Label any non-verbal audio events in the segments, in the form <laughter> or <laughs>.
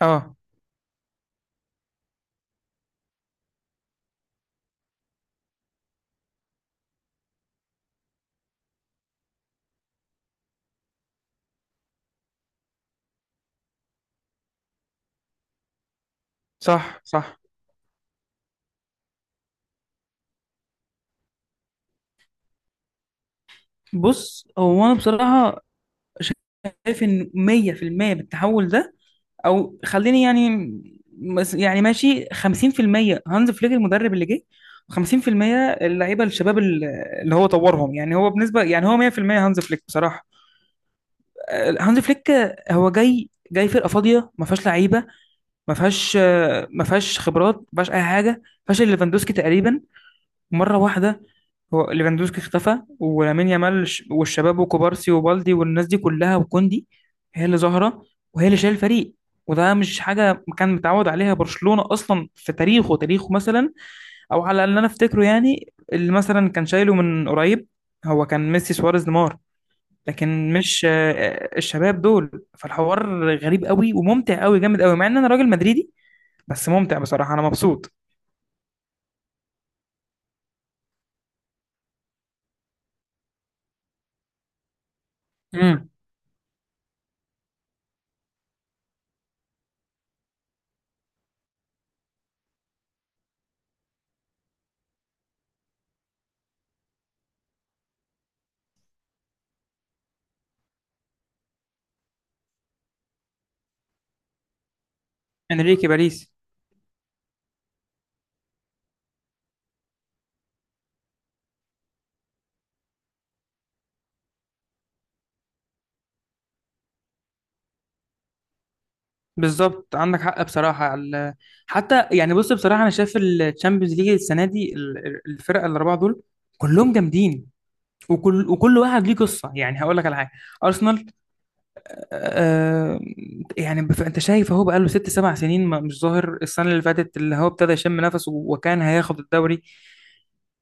اه، صح صح. بص، هو انا بصراحه شايف ان 100% من التحول ده، او خليني يعني، يعني ماشي 50% هانز فليك المدرب اللي جه، و50% اللعيبه الشباب اللي هو طورهم، يعني هو بنسبه، يعني هو 100% هانز فليك بصراحه. هانز فليك هو جاي فرقه فاضيه، ما فيهاش لعيبه، ما فيهاش ما فيهاش خبرات، ما فيهاش اي حاجه، ما فيهاش إلا ليفاندوسكي تقريبا، مرة واحدة. هو ليفاندوسكي اختفى، ولامين يامال والشباب وكوبارسي وبالدي والناس دي كلها، وكوندي هي اللي ظاهرة، وهي اللي شايل الفريق. وده مش حاجة كان متعود عليها برشلونة أصلا في تاريخه، تاريخه مثلا، أو على اللي أنا أفتكره، يعني اللي مثلا كان شايله من قريب هو كان ميسي سواريز نيمار. لكن مش، الشباب دول، فالحوار غريب قوي وممتع قوي جامد قوي، مع إن أنا راجل مدريدي، بس ممتع بصراحة، أنا مبسوط. امم. انريكي باريس. بالظبط، عندك حق بصراحة. حتى يعني، بص بصراحة، أنا شايف الشامبيونز ليج السنة دي الفرق الأربعة دول كلهم جامدين، وكل واحد ليه قصة. يعني هقول لك على حاجة، أرسنال، آه، يعني انت شايف اهو، بقاله ست سبع سنين مش ظاهر، السنه اللي فاتت اللي هو ابتدى يشم نفسه وكان هياخد الدوري،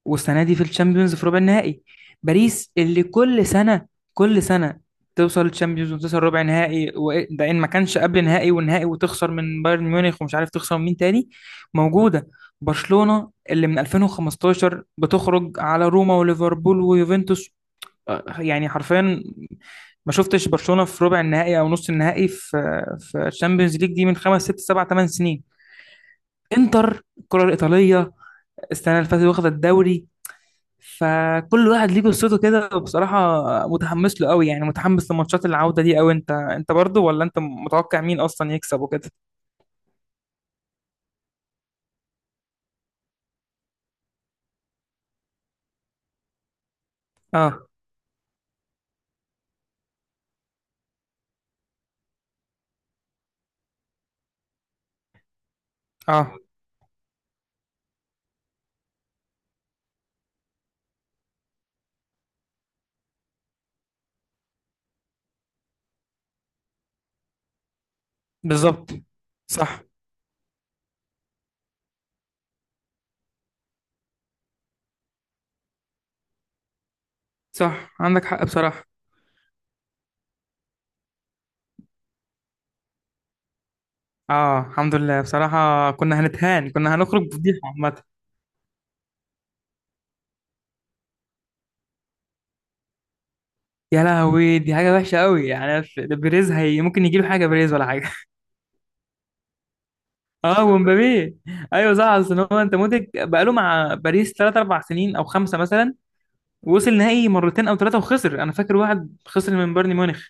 والسنه دي في الشامبيونز في ربع النهائي. باريس اللي كل سنه كل سنه توصل الشامبيونز وتوصل ربع نهائي، ده ان ما كانش قبل نهائي ونهائي وتخسر من بايرن ميونخ ومش عارف تخسر من مين تاني، موجوده. برشلونه اللي من 2015 بتخرج على روما وليفربول ويوفنتوس، يعني حرفيا ما شفتش برشلونة في ربع النهائي او نص النهائي في الشامبيونز ليج دي من خمس ست سبع ثمان سنين. انتر، الكرة الإيطالية، السنة اللي فاتت واخدة الدوري. فكل واحد ليه قصته كده، بصراحة متحمس له قوي، يعني متحمس لماتشات العودة دي قوي. انت برضه، ولا انت متوقع مين اصلا يكسب وكده؟ اه اه، بالظبط. صح صح، عندك حق بصراحة. اه، الحمد لله بصراحة، كنا هنتهان، كنا هنخرج بفضيحة عامة. يا لهوي، دي حاجة وحشة قوي يعني، ده بيريز، هي ممكن يجيله حاجة بيريز ولا حاجة؟ اه، <laughs> ومبابي. ايوه صح، اصل هو، انت مودريك بقاله مع باريس 3 4 سنين او خمسه مثلا، وصل نهائي مرتين او ثلاثه وخسر، انا فاكر واحد خسر من بايرن ميونخ.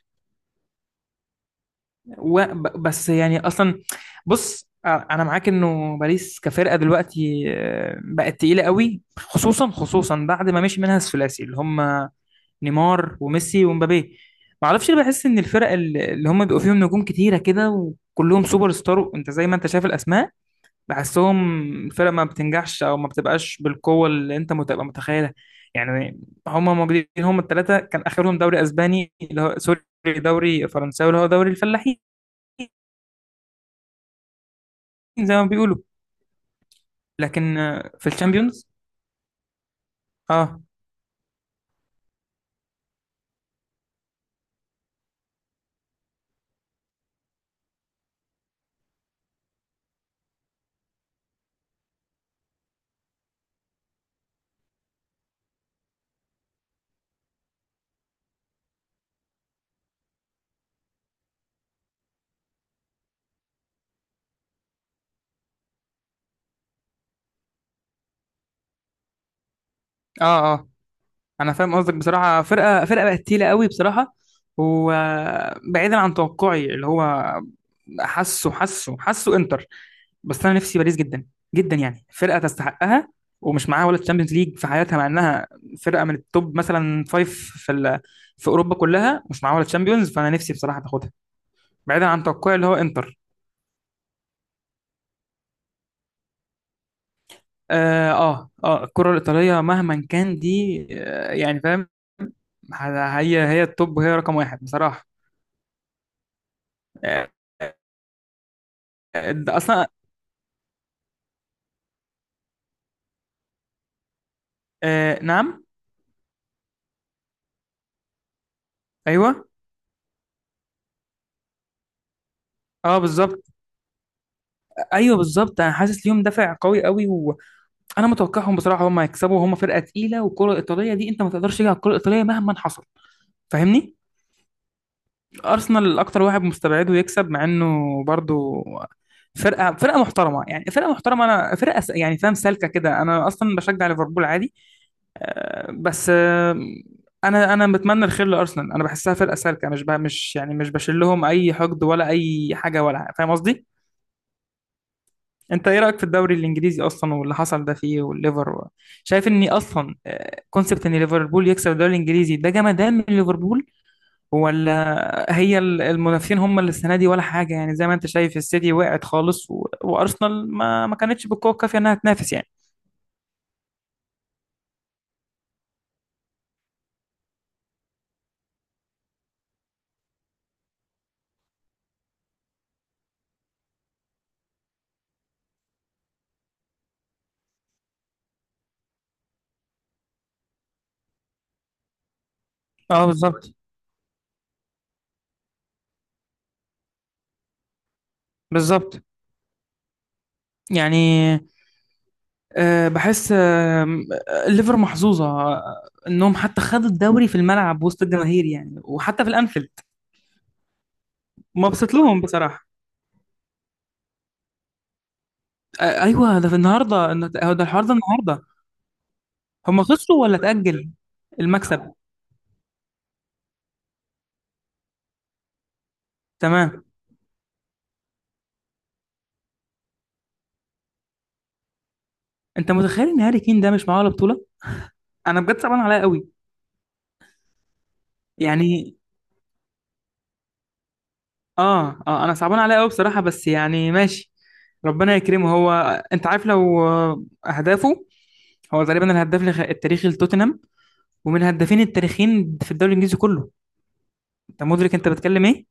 بس يعني اصلا، بص انا معاك انه باريس كفرقه دلوقتي بقت تقيله قوي، خصوصا خصوصا بعد ما مشي منها الثلاثي اللي هم نيمار وميسي ومبابي. ما اعرفش ليه بحس ان الفرق اللي هم بيبقوا فيهم نجوم كتيره كده وكلهم سوبر ستار، انت زي ما انت شايف الاسماء، بحسهم الفرقة ما بتنجحش أو ما بتبقاش بالقوة اللي أنت بتبقى متخيلها يعني. هما موجودين، هما التلاتة، كان آخرهم دوري أسباني اللي هو سوري، دوري فرنساوي اللي هو دوري الفلاحين زي ما بيقولوا. لكن في الشامبيونز. اه اه اه، انا فاهم قصدك بصراحه، فرقه، فرقه بقت تقيله قوي بصراحه، وبعيدا عن توقعي اللي هو، حاسه حاسه حاسه انتر. بس انا نفسي باريس جدا جدا، يعني فرقه تستحقها، ومش معاها ولا تشامبيونز ليج في حياتها، مع انها فرقه من التوب مثلا، فايف في في اوروبا كلها، مش معاها ولا تشامبيونز، فانا نفسي بصراحه تاخدها، بعيدا عن توقعي اللي هو انتر. اه اه, الكره الايطاليه مهما كان دي، يعني فاهم، هي التوب، وهي رقم واحد. بصراحه، ده اصلا. آه نعم. ايوه. اه بالظبط. ايوه بالظبط، انا حاسس ليهم دافع قوي قوي، وانا متوقعهم بصراحه هم يكسبوا، هم فرقه تقيله، والكره الايطاليه دي انت ما تقدرش تيجي على الكره الايطاليه مهما حصل، فاهمني؟ ارسنال اكتر واحد مستبعده يكسب، مع انه برضو فرقه، فرقه محترمه، يعني فرقه محترمه، انا فرقه يعني فاهم، سالكه كده، انا اصلا بشجع ليفربول عادي. بس، انا بتمنى الخير لارسنال، انا بحسها فرقه سالكه، مش بقى مش يعني، مش بشيل لهم اي حقد ولا اي حاجه ولا، فاهم قصدي؟ انت ايه رايك في الدوري الانجليزي اصلا، واللي حصل ده فيه، والليفر شايف ان اصلا كونسبت ان ليفربول يكسب الدوري الانجليزي ده جمدان من ليفربول، ولا هي المنافسين هم اللي السنه دي ولا حاجه، يعني زي ما انت شايف السيتي وقعت خالص وارسنال ما كانتش بالقوه الكافيه انها تنافس يعني؟ اه بالظبط، بالظبط يعني. بحس الليفر محظوظه، انهم حتى خدوا الدوري في الملعب وسط الجماهير، يعني وحتى في الانفيلد. مبسوط لهم بصراحه. ايوه، ده في النهارده، هو ده الحوار ده النهارده. هم خسروا ولا اتأجل؟ المكسب، تمام. انت متخيل ان هاري كين ده مش معاه ولا بطولة؟ انا بجد صعبان عليا قوي يعني. اه اه، انا صعبان عليا قوي بصراحة، بس يعني ماشي، ربنا يكرمه هو. انت عارف لو اهدافه، هو تقريبا الهداف التاريخي لتوتنهام، ومن الهدافين التاريخيين في الدوري الانجليزي كله، انت مدرك انت بتتكلم ايه؟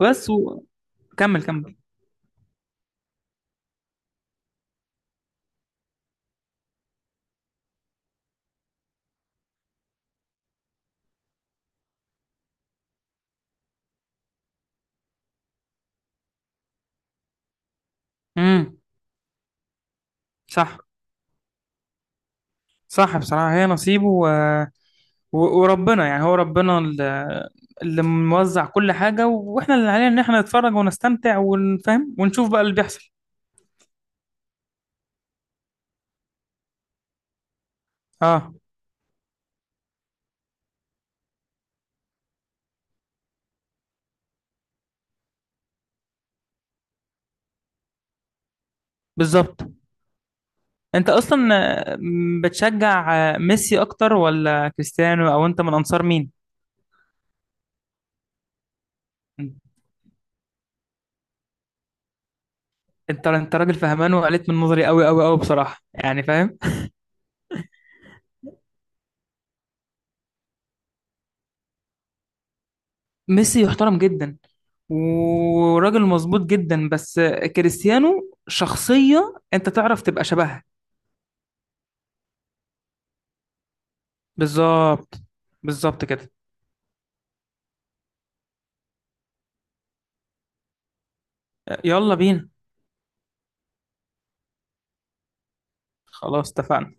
بس وكمل. كمل. امم صح صح بصراحة، هي نصيبه، وربنا يعني، هو ربنا اللي موزع كل حاجة، واحنا اللي علينا ان احنا نتفرج ونستمتع ونفهم ونشوف بقى اللي بيحصل. اه بالظبط. انت اصلا بتشجع ميسي اكتر ولا كريستيانو، او انت من انصار مين؟ انت راجل فهمان، وقلت من نظري قوي قوي قوي بصراحة يعني، فاهم. ميسي يحترم جدا، وراجل مظبوط جدا، بس كريستيانو شخصية انت تعرف تبقى شبهها. بالظبط، بالظبط كده. يلا بينا. خلاص اتفقنا.